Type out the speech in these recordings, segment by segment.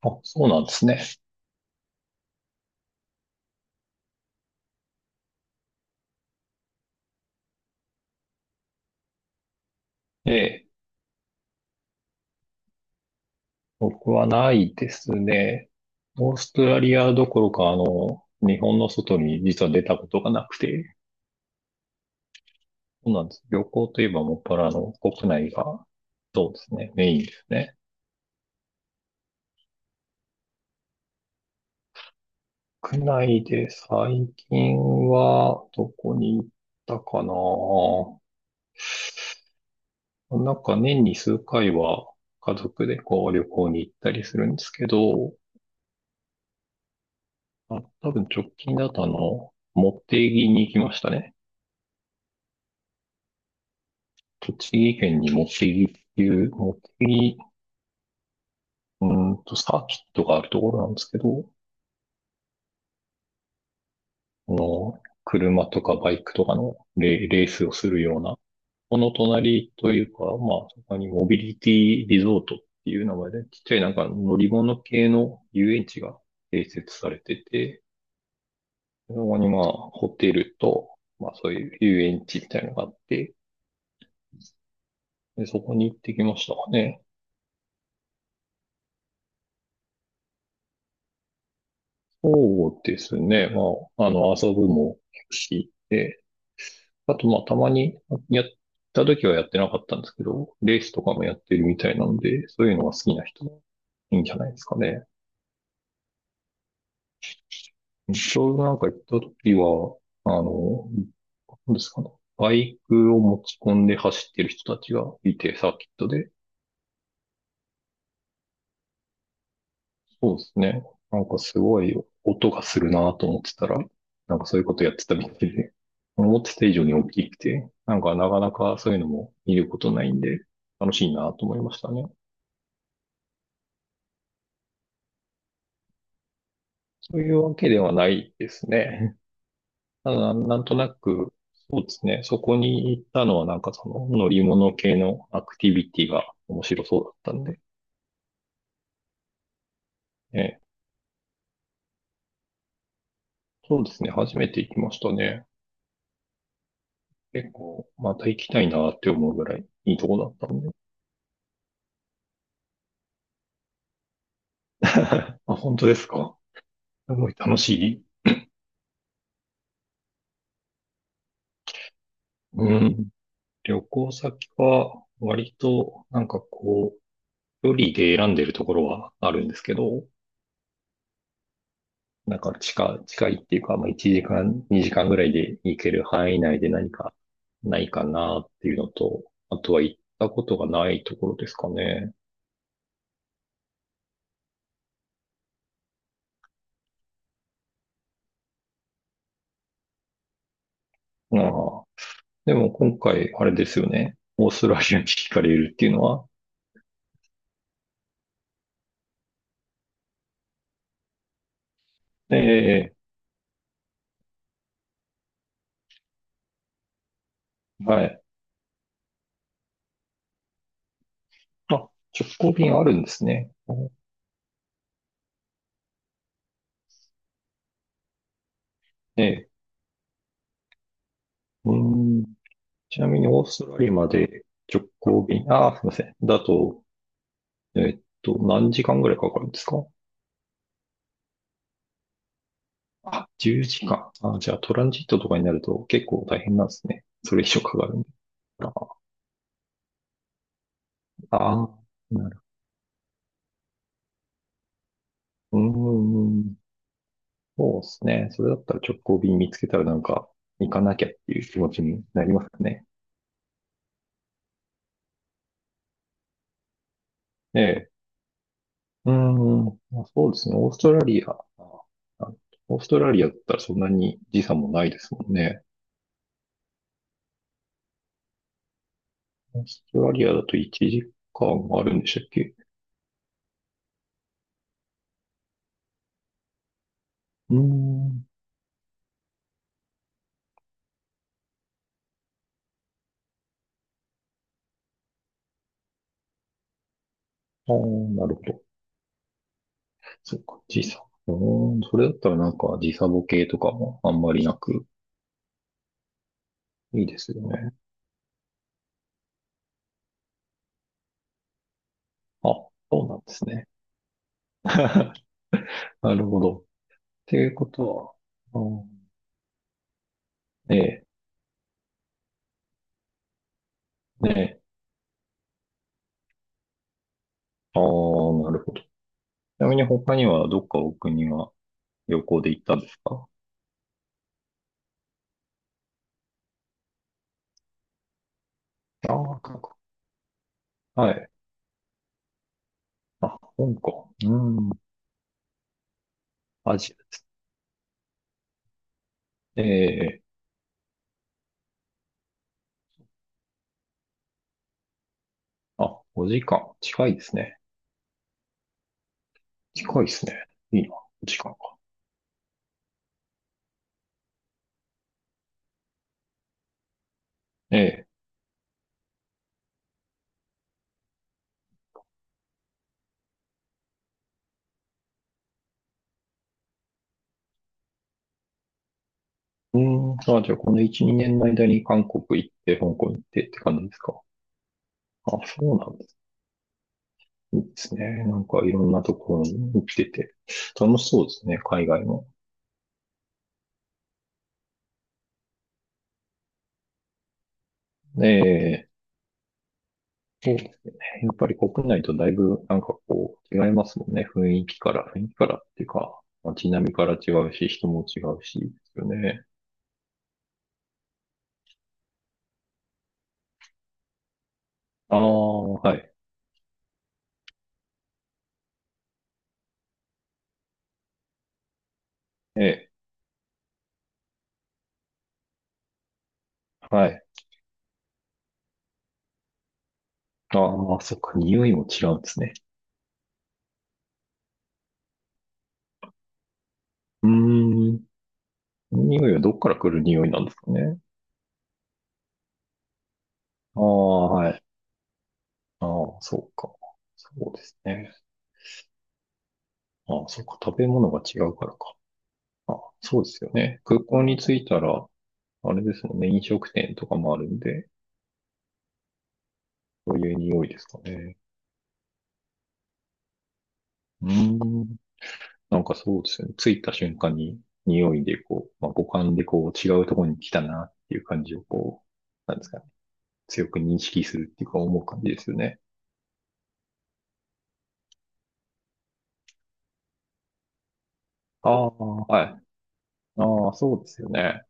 あ、そうなんですね。ええ、僕はないですね。オーストラリアどころか、日本の外に実は出たことがなくて、そうなんです。旅行といえばもっぱら国内が、そうですね、メインですね。国内で最近はどこに行ったかな。なんか年に数回は家族でこう旅行に行ったりするんですけど、あ、多分直近だと茂木に行きましたね。栃木県に茂木っていう、茂木、うーサーキットがあるところなんですけど、車とかバイクとかのレースをするような、この隣というか、まあ、そこにモビリティリゾートっていう名前で、ちっちゃいなんか乗り物系の遊園地が併設されてて、そこにまあ、ホテルと、まあそういう遊園地みたいなのがあって、でそこに行ってきましたかね。そうですね。まあ、遊ぶも結構し、で、あと、まあ、たまにやった時はやってなかったんですけど、レースとかもやってるみたいなので、そういうのが好きな人はいいんじゃないですかね。ちょうどなんか行った時は、あの、なんですかね。バイクを持ち込んで走ってる人たちがいて、サーキットで。そうですね。なんかすごい音がするなと思ってたら、なんかそういうことやってたみたいで、思ってた以上に大きくて、なんかなかなかそういうのも見ることないんで、楽しいなと思いましたね。そういうわけではないですね。ただ、なんとなく、そうですね。そこに行ったのはなんかその乗り物系のアクティビティが面白そうだったんで、ね、そうですね。初めて行きましたね。結構、また行きたいなって思うぐらいいいとこだったんで。あ、本当ですか。すごい楽しい。うん。旅行先は、割と、なんかこう、距離で選んでるところはあるんですけど、近いっていうか、まあ1時間、2時間ぐらいで行ける範囲内で何かないかなっていうのと、あとは行ったことがないところですかね。ああ。でも今回、あれですよね。オーストラリアに聞かれるっていうのは、ええ、はい。まあ、直行便あるんですね。ええ。うん。ちなみにオーストラリアまで直行便、ああ、すみません。だと、何時間ぐらいかかるんですか。あ、10時間。あ、じゃあトランジットとかになると結構大変なんですね。それ以上かかるんで。ああ、なるほど。ーん、そうですね。それだったら直行便見つけたらなんか行かなきゃっていう気持ちになりますね。ええ。うーん、まあそうですね。オーストラリア。あ、オーストラリアだったらそんなに時差もないですもんね。オーストラリアだと1時間あるんでしたっけ。うーん。ああ、なるほど。そうか、時差。それだったらなんか時差ボケとかもあんまりなく、いいですよね。あ、そうなんですね。なるほど。っていうことは、あーええ、ねえ、ああ、なるほど。ちなみに他にはどっかお国は旅行で行ったんですか。ああー、韓国。はい。あ、香港。うん、アジアです。ええ、あ、5時間。近いですね。近いですね。いいな、時間が。ええ。うーん、あ、じゃあこの1、2年の間に韓国行って、香港行ってって感じですか。あ、そうなんです。いいですね。なんかいろんなところに行ってて、楽しそうですね、海外も。ええ、そうですね。やっぱり国内とだいぶなんかこう違いますもんね。雰囲気から、雰囲気からっていうか、街並みから違うし、人も違うし、ですよね。ああ、はい。ええ、はい。ああ、そっか、匂いも違うんですね。うーん。匂いはどっから来る匂いなんですかね。ああ、はい。ああ、そうか。そうですね。ああ、そうか。食べ物が違うからか。ああ、そうですよね。空港に着いたら、あれですもんね。飲食店とかもあるんで、そういう匂いですかね。うーん。なんかそうですよね。着いた瞬間に匂いでこう、まあ、五感でこう違うところに来たなっていう感じをこう、なんですかね。強く認識するっていうか思う感じですよね。ああ、はい。ああ、そうですよね。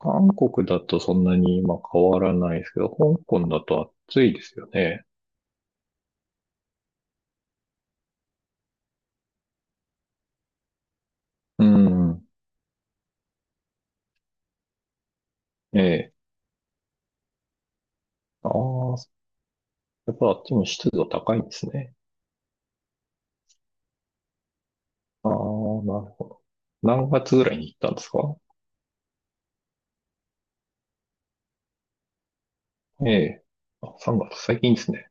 韓国だとそんなに今変わらないですけど、香港だと暑いですよね。うん。ええ。ああ、やっぱあっちも湿度高いんですね。ああ、なるほど。何月ぐらいに行ったんですか。ええ。あ、3月、最近ですね。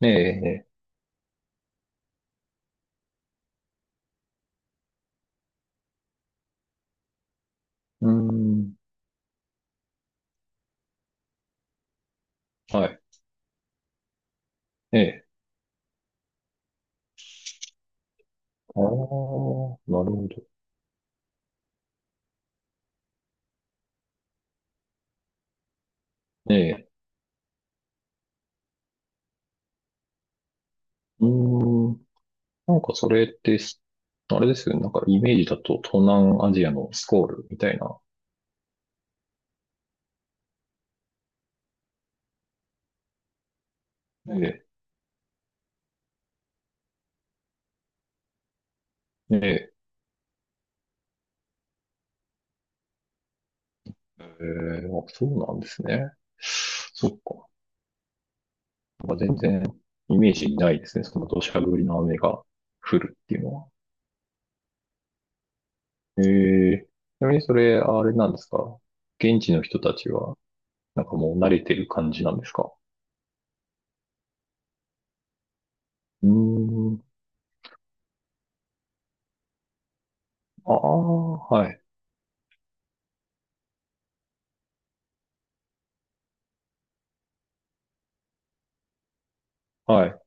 ええ、ええ。うーん。はい。ええ。ああ、なるほど。ええ。うーん。なんかそれって、あれですよね。なんかイメージだと東南アジアのスコールみたいな。ええ。ええー、あ、そうなんですね。そっか。なんか全然イメージにないですね。その土砂降りの雨が降るっていうのは。えー、ちなみにそれ、あれなんですか。現地の人たちは、なんかもう慣れてる感じなんですか。うーん。ああ、はい。はい。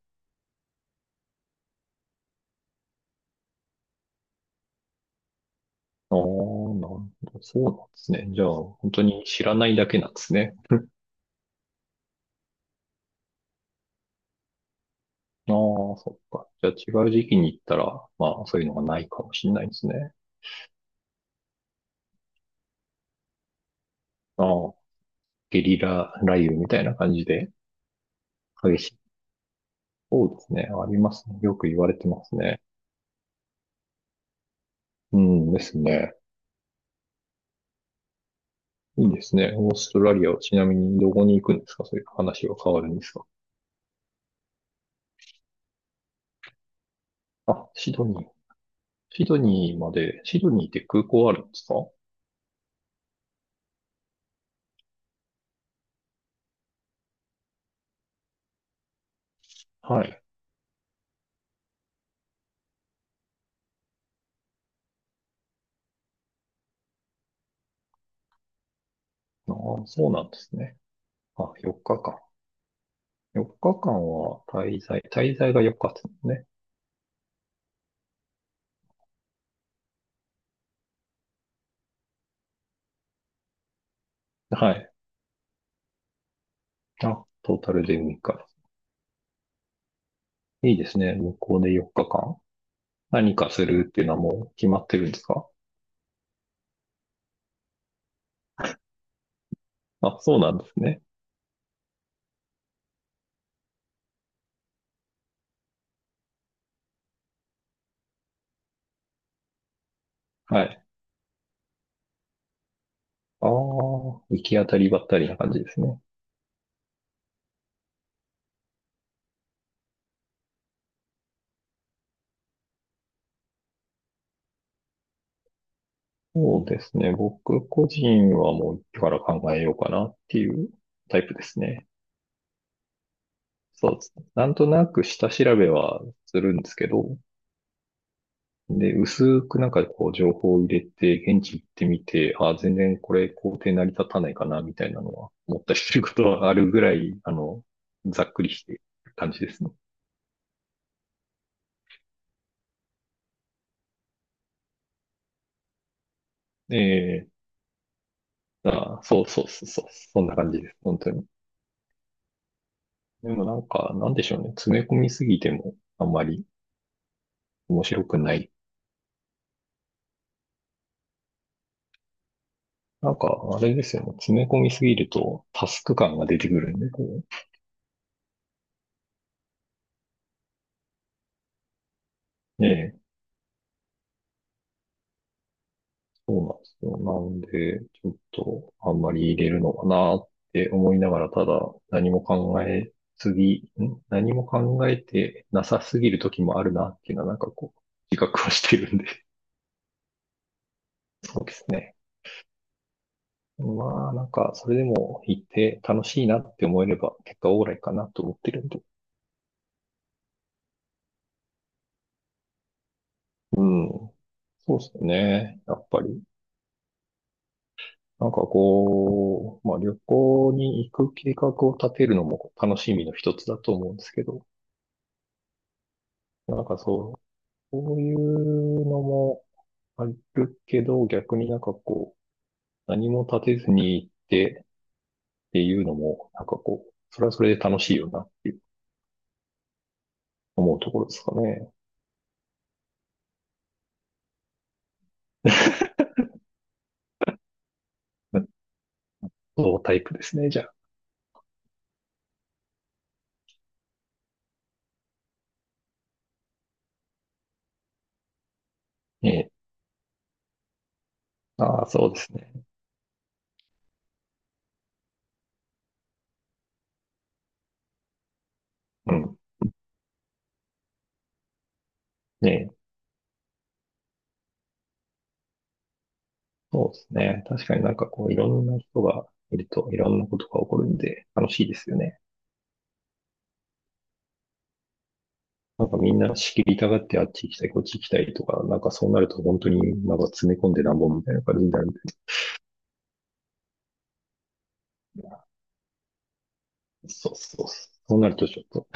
ああ、なるほど。そうなんですね。じゃあ、本当に知らないだけなんですね。ああ、そっか。じゃあ違う時期に行ったら、まあそういうのがないかもしれないですね。ああ。ゲリラ雷雨みたいな感じで激しい。そうですね。ありますね。よく言われてますね。うんですね。いいですね。オーストラリアはちなみにどこに行くんですか。そういう話は変わるんですか。あ、シドニー。シドニーまで、シドニーって空港あるんですか。はい。ああ、そうなんですね。あ、4日間。4日間は滞在が4日ですね。はい。あ、トータルで6日。いいですね。向こうで4日間。何かするっていうのはもう決まってるんですか。あ、そうなんですね。はい。ああ、行き当たりばったりな感じですね。そうですね。僕個人はもう一から考えようかなっていうタイプですね。そうですね。なんとなく下調べはするんですけど、で、薄くなんかこう情報を入れて、現地行ってみて、ああ全然これ工程成り立たないかな、みたいなのは思ったりすることはあるぐらい、ざっくりしてる感じですね。ええ、ああそうそうそうそう、そんな感じです。本当に。でもなんか、なんでしょうね。詰め込みすぎてもあんまり面白くない。なんか、あれですよね。詰め込みすぎるとタスク感が出てくるんで、こう。ねえ、そうなんですよ。なんで、ちょっとあんまり入れるのかなって思いながら、ただ何も考えてなさすぎる時もあるなっていうのはなんかこう、自覚はしてるんで。そうですね。まあ、なんか、それでも行って楽しいなって思えれば、結果オーライかなと思ってるんで。うん。そうですね。やっぱり。なんかこう、まあ旅行に行く計画を立てるのも楽しみの一つだと思うんですけど、なんかそう、こういうのもあるけど、逆になんかこう、何も立てずに行ってっていうのも、なんかこう、それはそれで楽しいよなっていう思うところですかね。そうタイプですね、じゃあ。ええ。ああ、そうですね。うん。ねえ。そうですね。確かになんかこういろんな人がいるといろんなことが起こるんで楽しいですよね。なんかみんな仕切りたがってあっち行きたい、こっち行きたいとか、なんかそうなると本当になんか詰め込んでなんぼみたいな感じになるんで。そうそうそう。そうなるとちょっと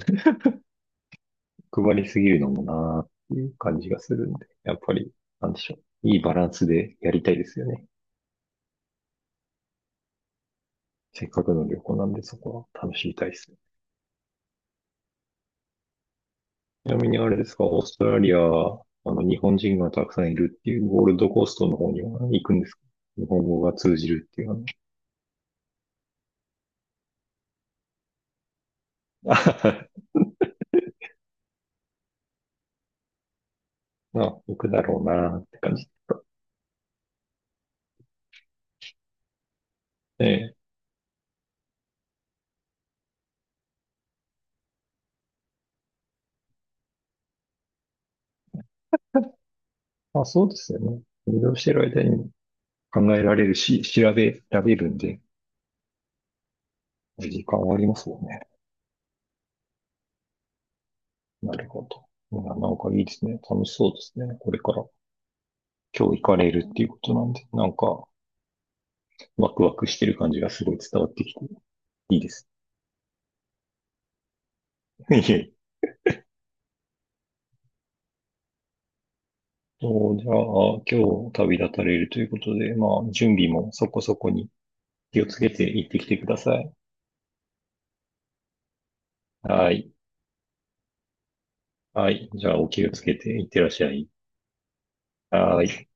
配りすぎるのもなーっていう感じがするんで、やっぱりなんでしょう。いいバランスでやりたいですよね。せっかくの旅行なんでそこは楽しみたいですね。ちなみにあれですか、オーストラリア、日本人がたくさんいるっていう、ゴールドコーストの方には行くんですか。日本語が通じるっていうのは、まあ、行くだろうなって感じですか。ええ。まあ、そうですよね。移動してる間に考えられるし、調べられるんで、時間はありますもんね。なるほど。いなんかいいですね。楽しそうですね。これから。今日行かれるっていうことなんで、なんか、ワクワクしてる感じがすごい伝わってきて、いいです。いえいえ、そうじゃあ、今日旅立たれるということで、まあ、準備もそこそこに気をつけて行ってきてください。はい。はい。じゃあ、お気をつけて行ってらっしゃい。はい。